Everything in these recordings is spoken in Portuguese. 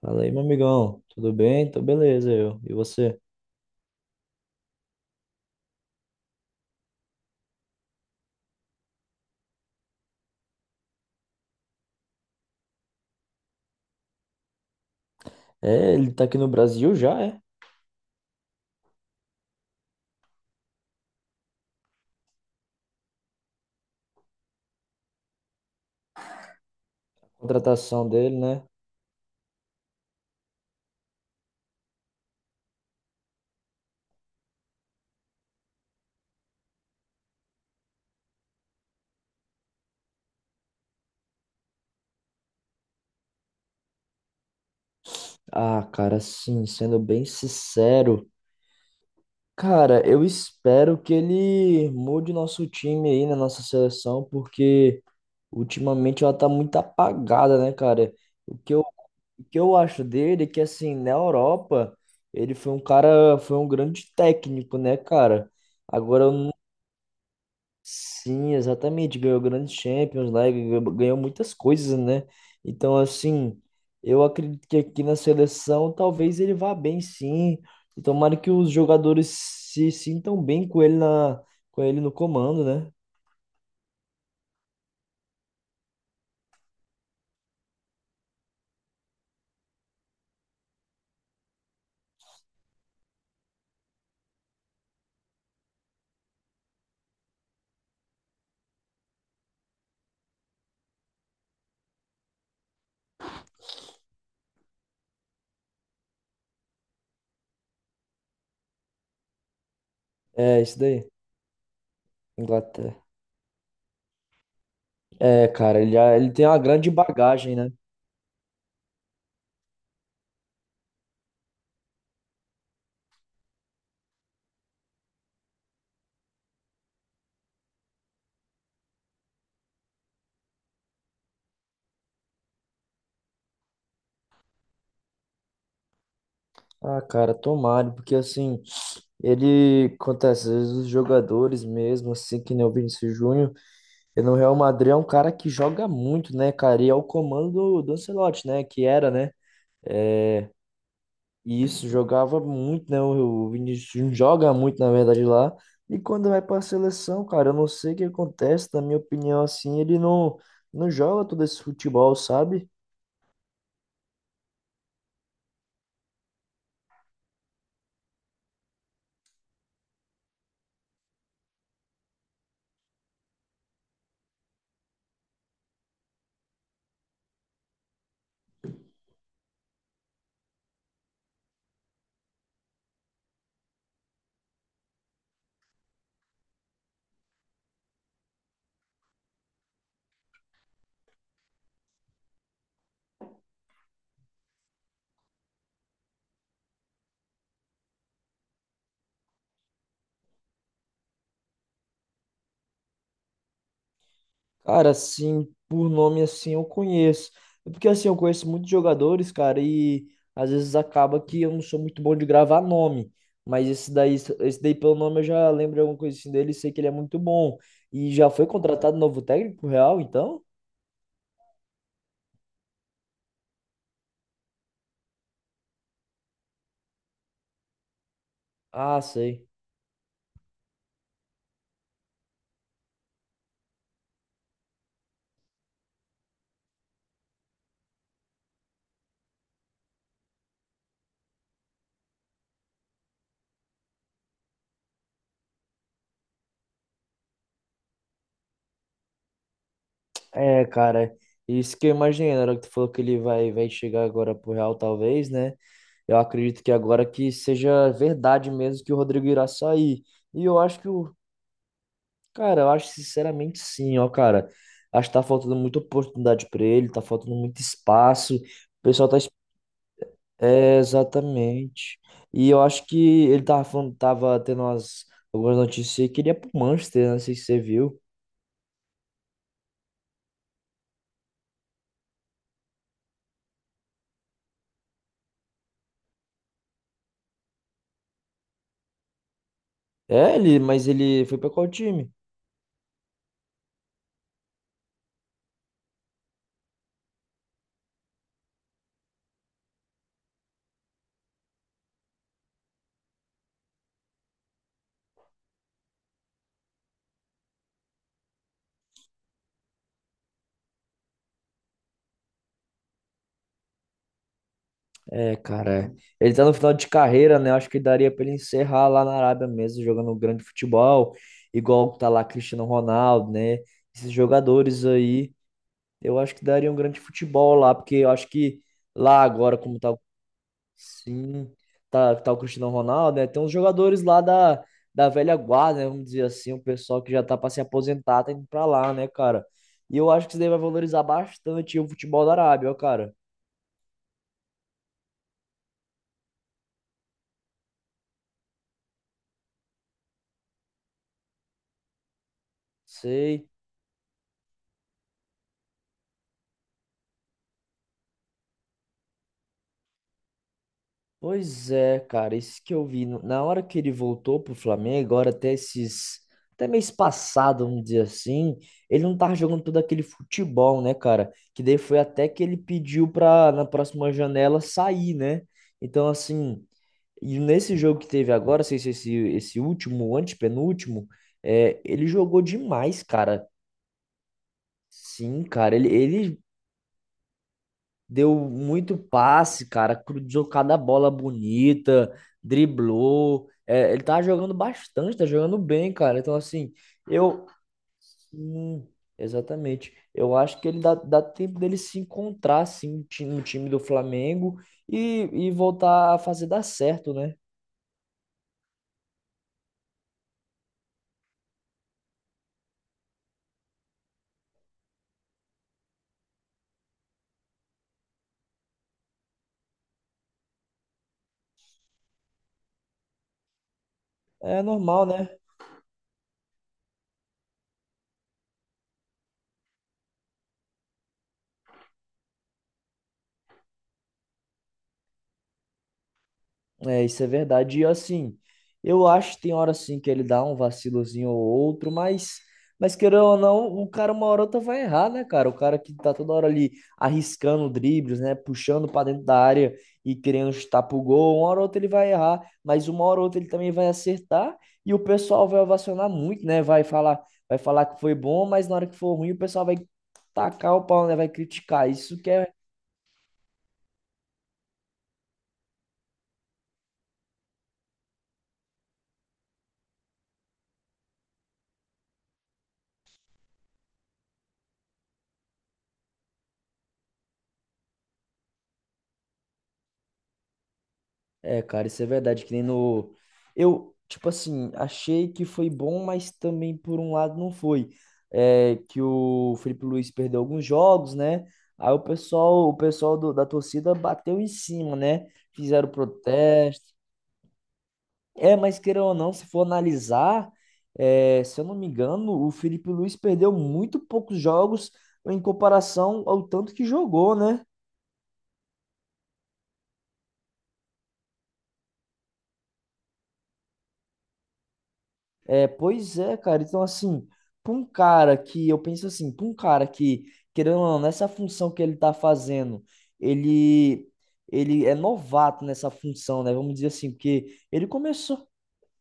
Fala aí, meu amigão. Tudo bem? Tô beleza, eu. E você? É, ele tá aqui no Brasil já, é? Contratação dele, né? Ah, cara, sim, sendo bem sincero. Cara, eu espero que ele mude nosso time aí, na nossa seleção, porque ultimamente ela tá muito apagada, né, cara? O que eu, o que eu acho dele é que, assim, na Europa, ele foi um cara, foi um grande técnico, né, cara? Agora, sim, exatamente. Ganhou grandes Champions lá, e ganhou muitas coisas, né? Então, assim, eu acredito que aqui na seleção talvez ele vá bem, sim. E tomara que os jogadores se sintam bem com ele no comando, né? É, isso daí. Inglaterra. É, cara, ele tem uma grande bagagem, né? Ah, cara, tomara, porque assim, ele acontece, às vezes os jogadores mesmo, assim, que nem o Vinícius Júnior. E no Real Madrid é um cara que joga muito, né, cara? E é o comando do Ancelotti, né? Que era, né? E isso jogava muito, né? O Vinícius Júnior joga muito, na verdade, lá. E quando vai pra seleção, cara, eu não sei o que acontece, na minha opinião, assim, ele não, não joga todo esse futebol, sabe? Cara, assim, por nome assim eu conheço. É. Porque assim, eu conheço muitos jogadores, cara, e às vezes acaba que eu não sou muito bom de gravar nome. Mas esse daí pelo nome eu já lembro alguma coisa assim dele e sei que ele é muito bom. E já foi contratado novo técnico pro Real, então? Ah, sei. É, cara, isso que eu imaginei, na hora que tu falou que vai chegar agora pro Real, talvez, né? Eu acredito que agora que seja verdade mesmo que o Rodrigo irá sair. E eu acho que o Cara, eu acho sinceramente sim, ó, cara. Acho que tá faltando muita oportunidade pra ele, tá faltando muito espaço. O pessoal tá. es- É, exatamente. E eu acho que ele tava falando, tava tendo umas, algumas notícias aí que ele ia pro Manchester, né? Não sei se você viu. É, ele, mas ele foi pra qual time? É, cara. Ele tá no final de carreira, né? Eu acho que daria pra ele encerrar lá na Arábia mesmo, jogando um grande futebol, igual tá lá Cristiano Ronaldo, né? Esses jogadores aí. Eu acho que daria um grande futebol lá, porque eu acho que lá agora, como tá, sim, tá o Cristiano Ronaldo, né? Tem uns jogadores da velha guarda, né, vamos dizer assim, o pessoal que já tá pra se aposentar, tá indo pra lá, né, cara? E eu acho que isso daí vai valorizar bastante o futebol da Arábia, ó, cara. Sei. Pois é, cara, isso que eu vi. No- Na hora que ele voltou pro Flamengo, agora até esses. Até mês passado, vamos dizer assim, ele não tava jogando todo aquele futebol, né, cara? Que daí foi até que ele pediu pra, na próxima janela, sair, né? Então, assim, e nesse jogo que teve agora, sei se esse, esse último, o antepenúltimo, é, ele jogou demais, cara. Sim, cara, ele deu muito passe, cara. Cruzou cada bola bonita, driblou. É, ele tá jogando bastante, tá jogando bem, cara. Então, assim, eu. Sim, exatamente. Eu acho que dá tempo dele se encontrar, assim, no time do Flamengo e, voltar a fazer dar certo, né? É normal, né? É, isso é verdade. E assim, eu acho que tem hora assim que ele dá um vacilozinho ou outro, mas querendo ou não, o cara uma hora ou outra vai errar, né, cara? O cara que tá toda hora ali arriscando dribles, né, puxando pra dentro da área e querendo chutar pro gol, uma hora ou outra ele vai errar, mas uma hora ou outra ele também vai acertar e o pessoal vai ovacionar muito, né? Vai falar que foi bom, mas na hora que for ruim o pessoal vai tacar o pau, né? Vai criticar. Isso que é É, cara, isso é verdade, que nem no. Eu, tipo assim, achei que foi bom, mas também por um lado não foi. É, que o Felipe Luiz perdeu alguns jogos, né? Aí o pessoal da torcida bateu em cima, né? Fizeram protesto. É, mas queira ou não, se for analisar, é, se eu não me engano, o Felipe Luiz perdeu muito poucos jogos em comparação ao tanto que jogou, né? É, pois é, cara. Então, assim, pra um cara que, querendo ou não, nessa função que ele tá fazendo, ele, ele é novato nessa função, né? Vamos dizer assim, porque ele começou.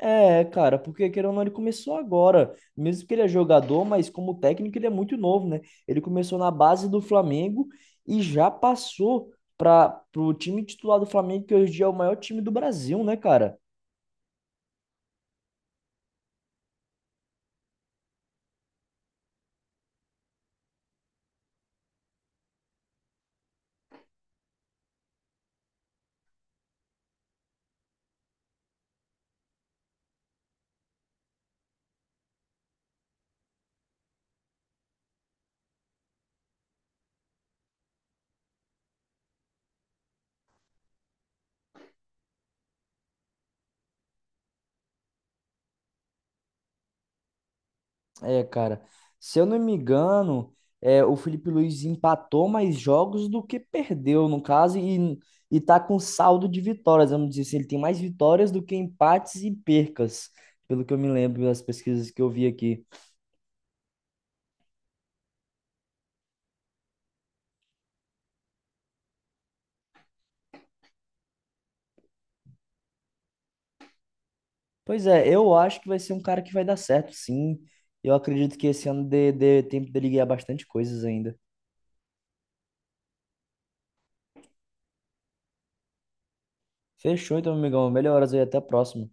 É, cara, porque querendo ou não, ele começou agora. Mesmo que ele é jogador, mas como técnico ele é muito novo, né? Ele começou na base do Flamengo e já passou para pro time titular do Flamengo, que hoje em dia é o maior time do Brasil, né, cara? É, cara, se eu não me engano, é, o Felipe Luiz empatou mais jogos do que perdeu, no caso, e tá com saldo de vitórias, vamos dizer assim, ele tem mais vitórias do que empates e percas, pelo que eu me lembro das pesquisas que eu vi aqui. Pois é, eu acho que vai ser um cara que vai dar certo, sim. Eu acredito que esse ano dê tempo dele ganhar bastante coisas ainda. Fechou, então, amigão. Melhoras aí, até a próxima.